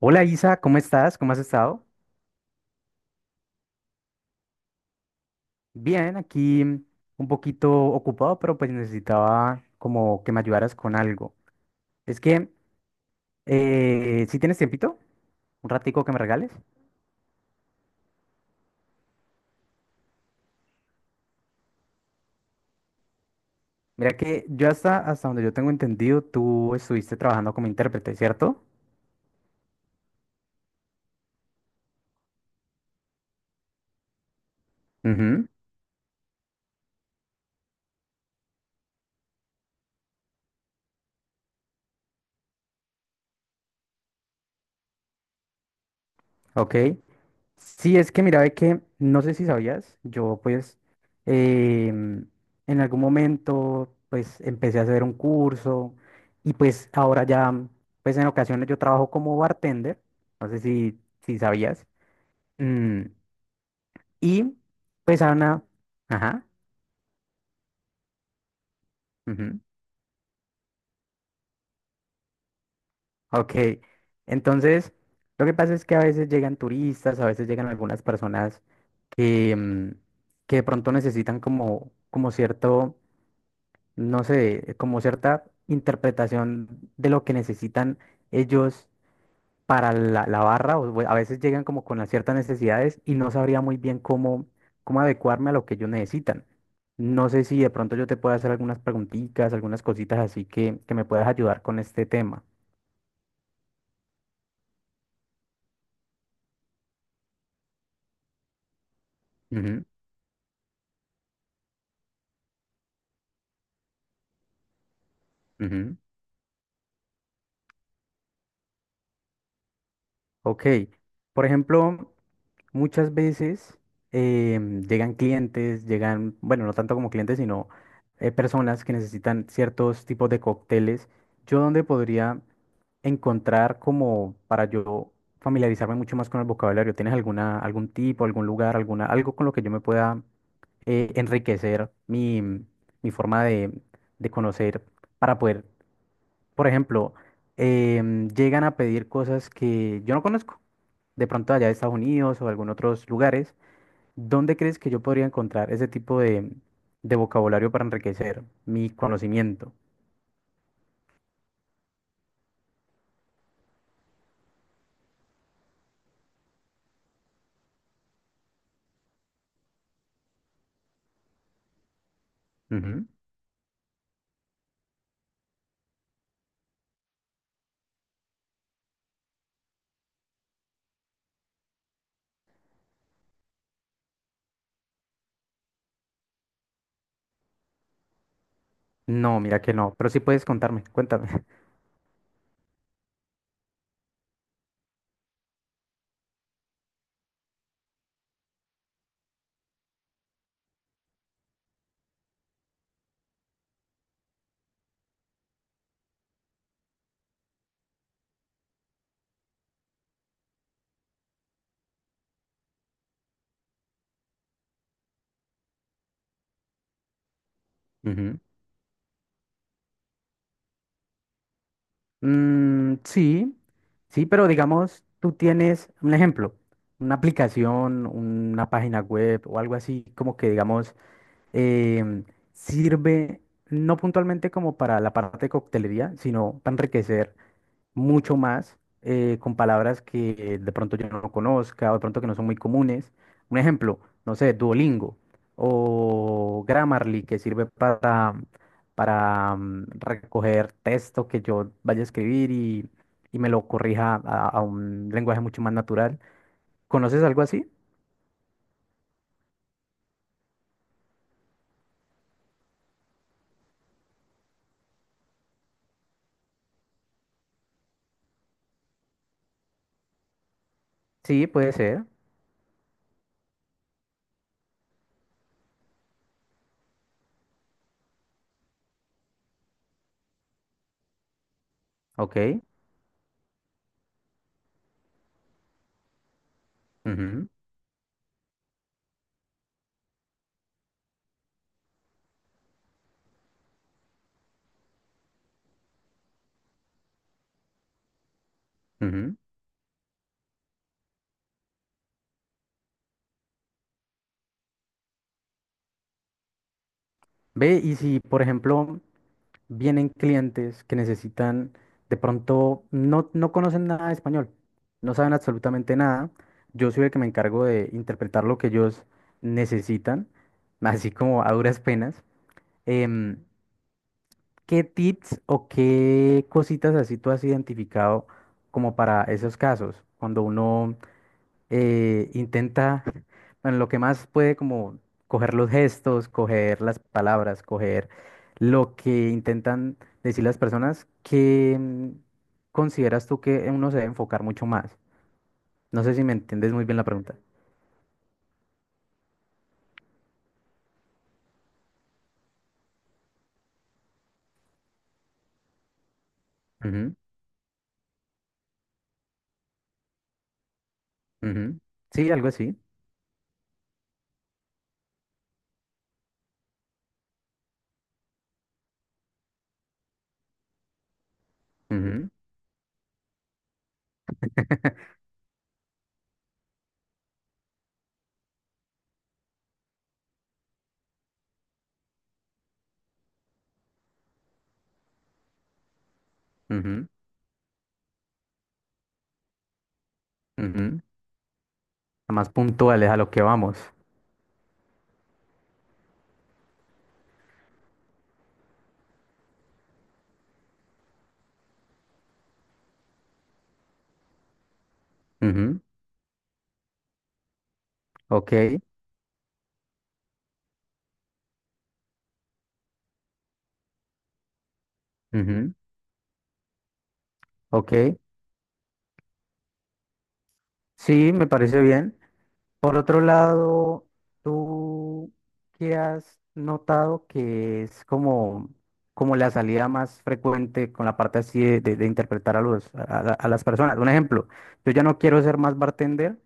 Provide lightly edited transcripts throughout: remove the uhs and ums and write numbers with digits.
Hola Isa, ¿cómo estás? ¿Cómo has estado? Bien, aquí un poquito ocupado, pero pues necesitaba como que me ayudaras con algo. Es que, si tienes tiempito, un ratico que me regales. Mira que yo hasta donde yo tengo entendido, tú estuviste trabajando como intérprete, ¿cierto? Ok. Sí, es que mira, ve que no sé si sabías, yo pues em, en algún momento pues empecé a hacer un curso y pues ahora ya pues en ocasiones yo trabajo como bartender, no sé si sabías. Mm, y pues Ana, ajá, ujú, ok. Entonces, lo que pasa es que a veces llegan turistas, a veces llegan algunas personas que, que de pronto necesitan como cierto no sé, como cierta interpretación de lo que necesitan ellos para la barra, o a veces llegan como con las ciertas necesidades y no sabría muy bien cómo, cómo adecuarme a lo que ellos necesitan. No sé si de pronto yo te puedo hacer algunas preguntitas, algunas cositas así que me puedas ayudar con este tema. Ujú, ujú. Ok, por ejemplo. Muchas veces llegan clientes, llegan, bueno, no tanto como clientes, sino personas que necesitan ciertos tipos de cócteles. Yo donde podría encontrar como para yo familiarizarme mucho más con el vocabulario. ¿Tienes alguna, algún tipo, algún lugar, alguna, algo con lo que yo me pueda enriquecer mi, mi forma de conocer para poder por ejemplo, llegan a pedir cosas que yo no conozco, de pronto allá de Estados Unidos o algún otros lugares. ¿Dónde crees que yo podría encontrar ese tipo de vocabulario para enriquecer mi conocimiento? Ujú. No, mira que no, pero sí puedes contarme, cuéntame. Ujú. Sí, sí, pero digamos, tú tienes un ejemplo, una aplicación, una página web o algo así, como que digamos... em, sirve no puntualmente como para la parte de coctelería, sino para enriquecer mucho más con palabras que de pronto yo no conozca o de pronto que no son muy comunes. Un ejemplo, no sé, Duolingo o Grammarly, que sirve para, para recoger texto que yo vaya a escribir y me lo corrija a un lenguaje mucho más natural. ¿Conoces algo así? Sí, puede ser. Ok. Ujú, ujú. Ve, y si, por ejemplo, vienen clientes que necesitan, de pronto no, no conocen nada de español, no saben absolutamente nada. Yo soy el que me encargo de interpretar lo que ellos necesitan, así como a duras penas. Em, ¿Qué tips o qué cositas así tú has identificado como para esos casos? Cuando uno intenta, bueno, lo que más puede como coger los gestos, coger las palabras, coger lo que intentan decir las personas, que mm, consideras tú que uno se debe enfocar mucho más? No sé si me entiendes muy bien la pregunta. Ujú, ujú. Sí, algo así. Ujú, ujú, ujú. Más puntuales a lo que vamos. Ujú, ok, ujú, ok. Sí, me parece bien. Por otro lado, ¿tú qué has notado que es como, como la salida más frecuente con la parte así de, de interpretar a, los, a, a las personas? Un ejemplo, yo ya no quiero ser más bartender,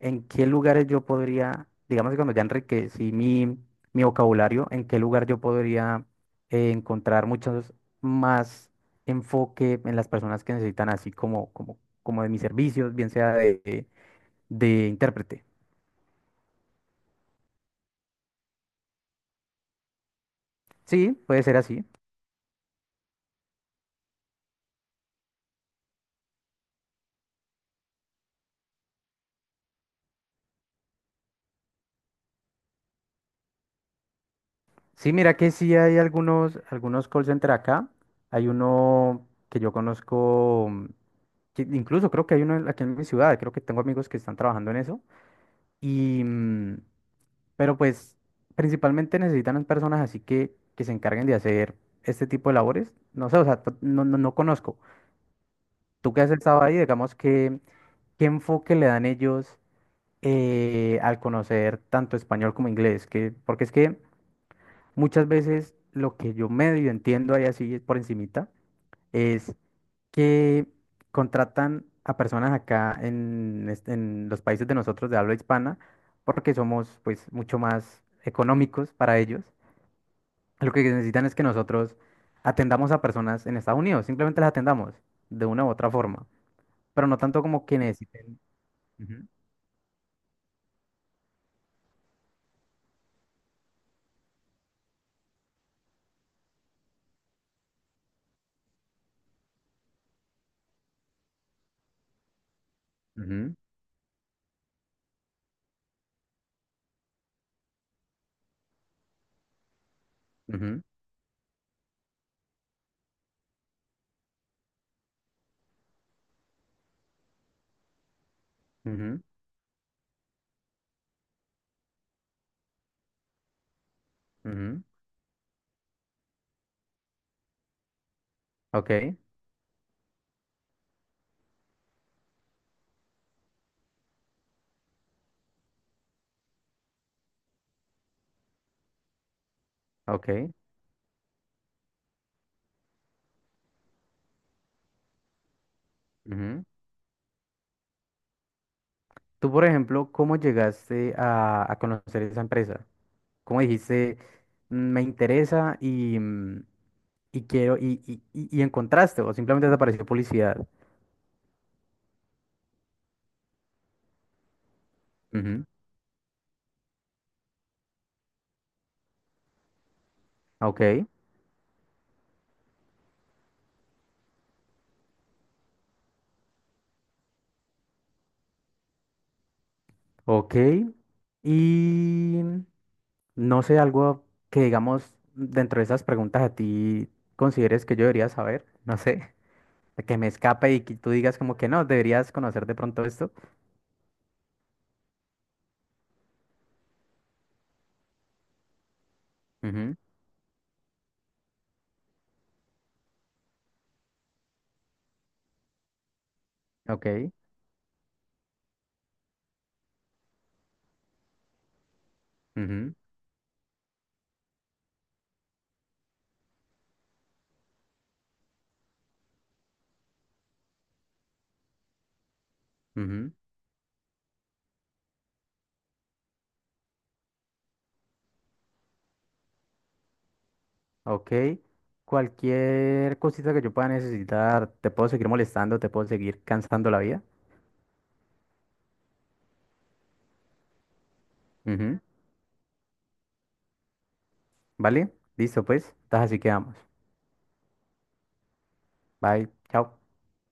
¿en qué lugares yo podría, digamos que cuando ya enriquecí mi, mi vocabulario, en qué lugar yo podría encontrar muchos más enfoque en las personas que necesitan así como, como, como de mis servicios, bien sea de intérprete? Sí, puede ser así. Sí, mira que sí hay algunos, algunos call center acá. Hay uno que yo conozco, que incluso creo que hay uno aquí en mi ciudad, creo que tengo amigos que están trabajando en eso. Y, pero pues principalmente necesitan personas así que se encarguen de hacer este tipo de labores. No sé, o sea, no, no, no conozco. Tú que has estado ahí, digamos que, ¿qué enfoque le dan ellos al conocer tanto español como inglés? Que, porque es que... Muchas veces lo que yo medio entiendo ahí así por encimita es que contratan a personas acá en, en los países de nosotros de habla hispana porque somos pues mucho más económicos para ellos. Lo que necesitan es que nosotros atendamos a personas en Estados Unidos, simplemente las atendamos de una u otra forma, pero no tanto como que necesiten. Ujú, ujú, ujú, ujú, ujú. Ok, ok. Tú, por ejemplo, ¿cómo llegaste a conocer esa empresa? ¿Cómo dijiste, me interesa y, y quiero, y, y encontraste", o simplemente te apareció publicidad? Ujú, ok, ok. Y no sé, algo que digamos dentro de esas preguntas a ti consideres que yo debería saber, no sé, que me escape y que tú digas como que no, deberías conocer de pronto esto. Ujú, ok. Ujú, ujú. Ok. Cualquier cosita que yo pueda necesitar, te puedo seguir molestando, te puedo seguir cansando la vida. Ujú, ¿vale? Listo, pues. Entonces así quedamos. Bye. Chao.